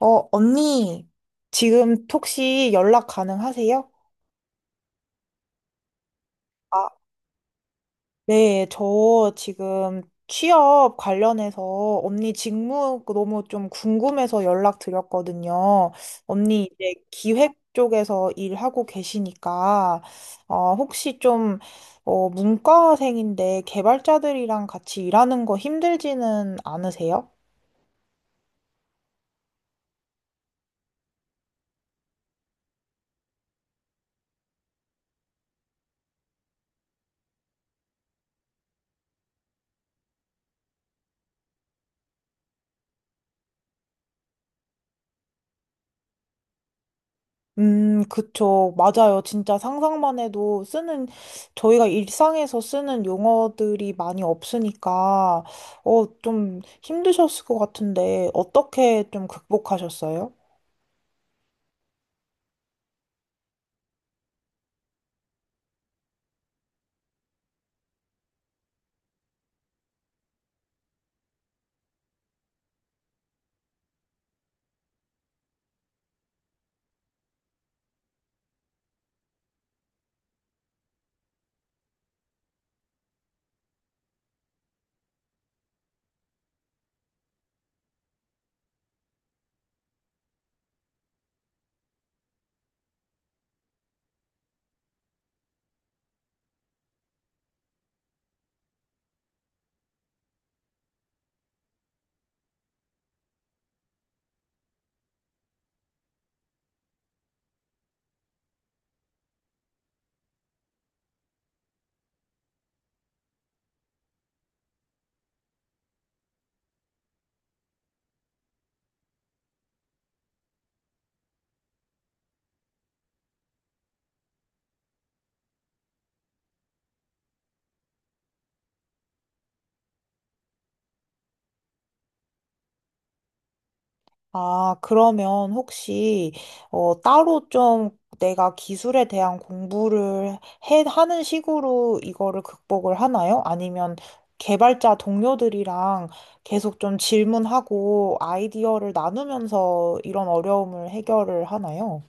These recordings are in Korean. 언니, 지금 혹시 연락 가능하세요? 아, 네, 저 지금 취업 관련해서 언니 직무 그 너무 좀 궁금해서 연락드렸거든요. 언니 이제 기획 쪽에서 일하고 계시니까, 혹시 좀, 문과생인데 개발자들이랑 같이 일하는 거 힘들지는 않으세요? 그쵸. 맞아요. 진짜 상상만 해도 저희가 일상에서 쓰는 용어들이 많이 없으니까, 좀 힘드셨을 것 같은데, 어떻게 좀 극복하셨어요? 아, 그러면 혹시, 따로 좀 내가 기술에 대한 공부를 하는 식으로 이거를 극복을 하나요? 아니면 개발자 동료들이랑 계속 좀 질문하고 아이디어를 나누면서 이런 어려움을 해결을 하나요?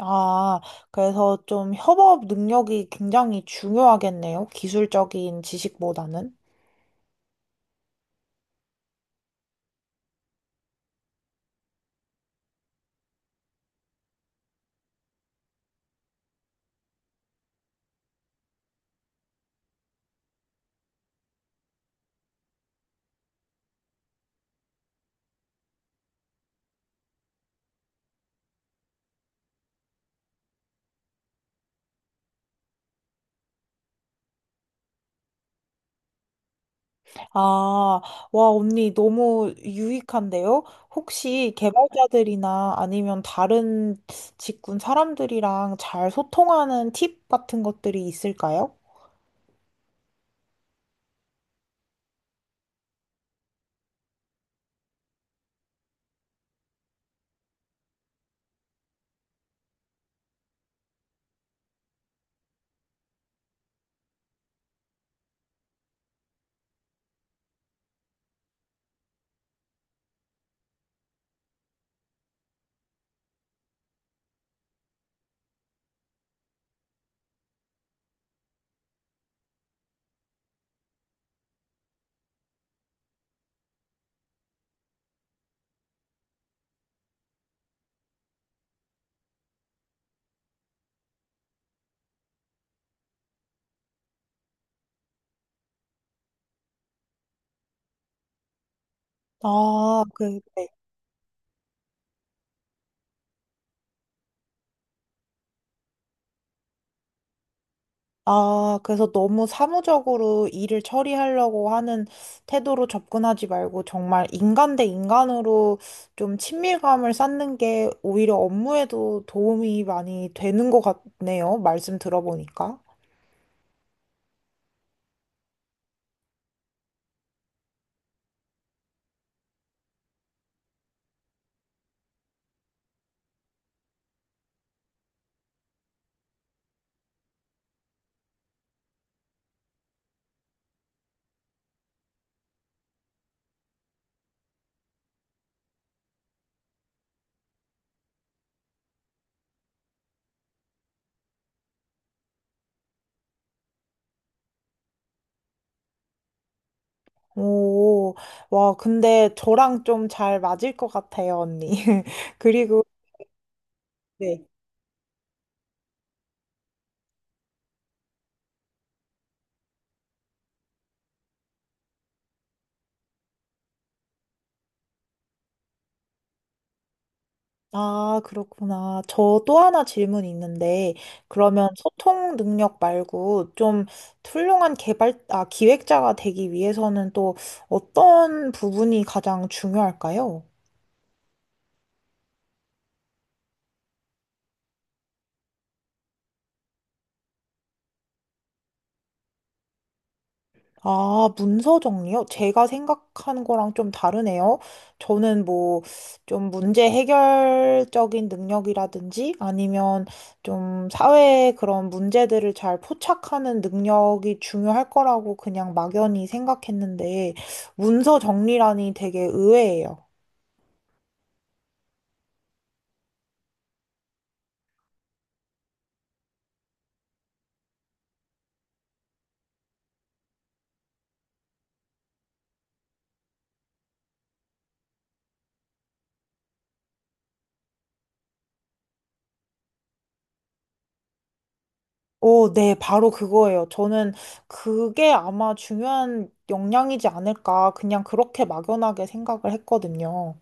아, 그래서 좀 협업 능력이 굉장히 중요하겠네요. 기술적인 지식보다는. 아, 와, 언니, 너무 유익한데요? 혹시 개발자들이나 아니면 다른 직군 사람들이랑 잘 소통하는 팁 같은 것들이 있을까요? 아, 그, 네. 아, 그래서 너무 사무적으로 일을 처리하려고 하는 태도로 접근하지 말고 정말 인간 대 인간으로 좀 친밀감을 쌓는 게 오히려 업무에도 도움이 많이 되는 것 같네요. 말씀 들어보니까. 오, 와, 근데 저랑 좀 잘 맞을 것 같아요, 언니. 그리고, 네. 아, 그렇구나. 저 또 하나 질문 있는데, 그러면 소통 능력 말고 좀 훌륭한 기획자가 되기 위해서는 또 어떤 부분이 가장 중요할까요? 아, 문서 정리요? 제가 생각한 거랑 좀 다르네요. 저는 뭐, 좀 문제 해결적인 능력이라든지 아니면 좀 사회의 그런 문제들을 잘 포착하는 능력이 중요할 거라고 그냥 막연히 생각했는데, 문서 정리라니 되게 의외예요. 오, 네, 바로 그거예요. 저는 그게 아마 중요한 역량이지 않을까. 그냥 그렇게 막연하게 생각을 했거든요.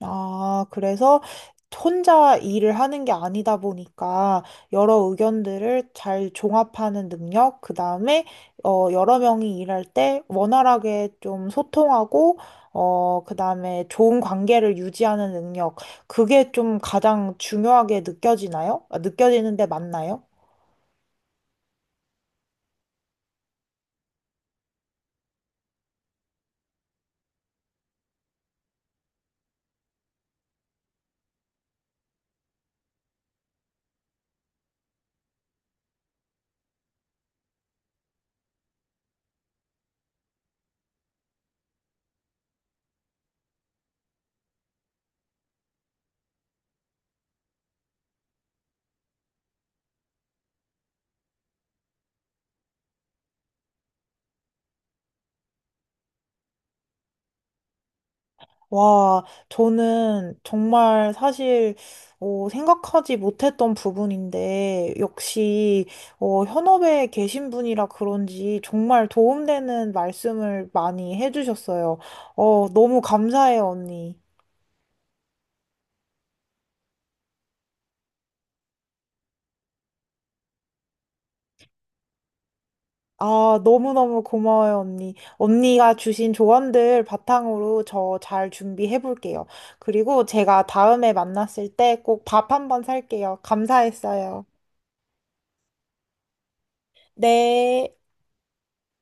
아, 그래서 혼자 일을 하는 게 아니다 보니까 여러 의견들을 잘 종합하는 능력, 그 다음에 여러 명이 일할 때 원활하게 좀 소통하고, 그 다음에 좋은 관계를 유지하는 능력, 그게 좀 가장 중요하게 느껴지나요? 아, 느껴지는데 맞나요? 와, 저는 정말 사실, 생각하지 못했던 부분인데, 역시, 현업에 계신 분이라 그런지 정말 도움되는 말씀을 많이 해주셨어요. 너무 감사해요, 언니. 아, 너무너무 고마워요, 언니. 언니가 주신 조언들 바탕으로 저 잘 준비해 볼게요. 그리고 제가 다음에 만났을 때 꼭 밥 한번 살게요. 감사했어요. 네.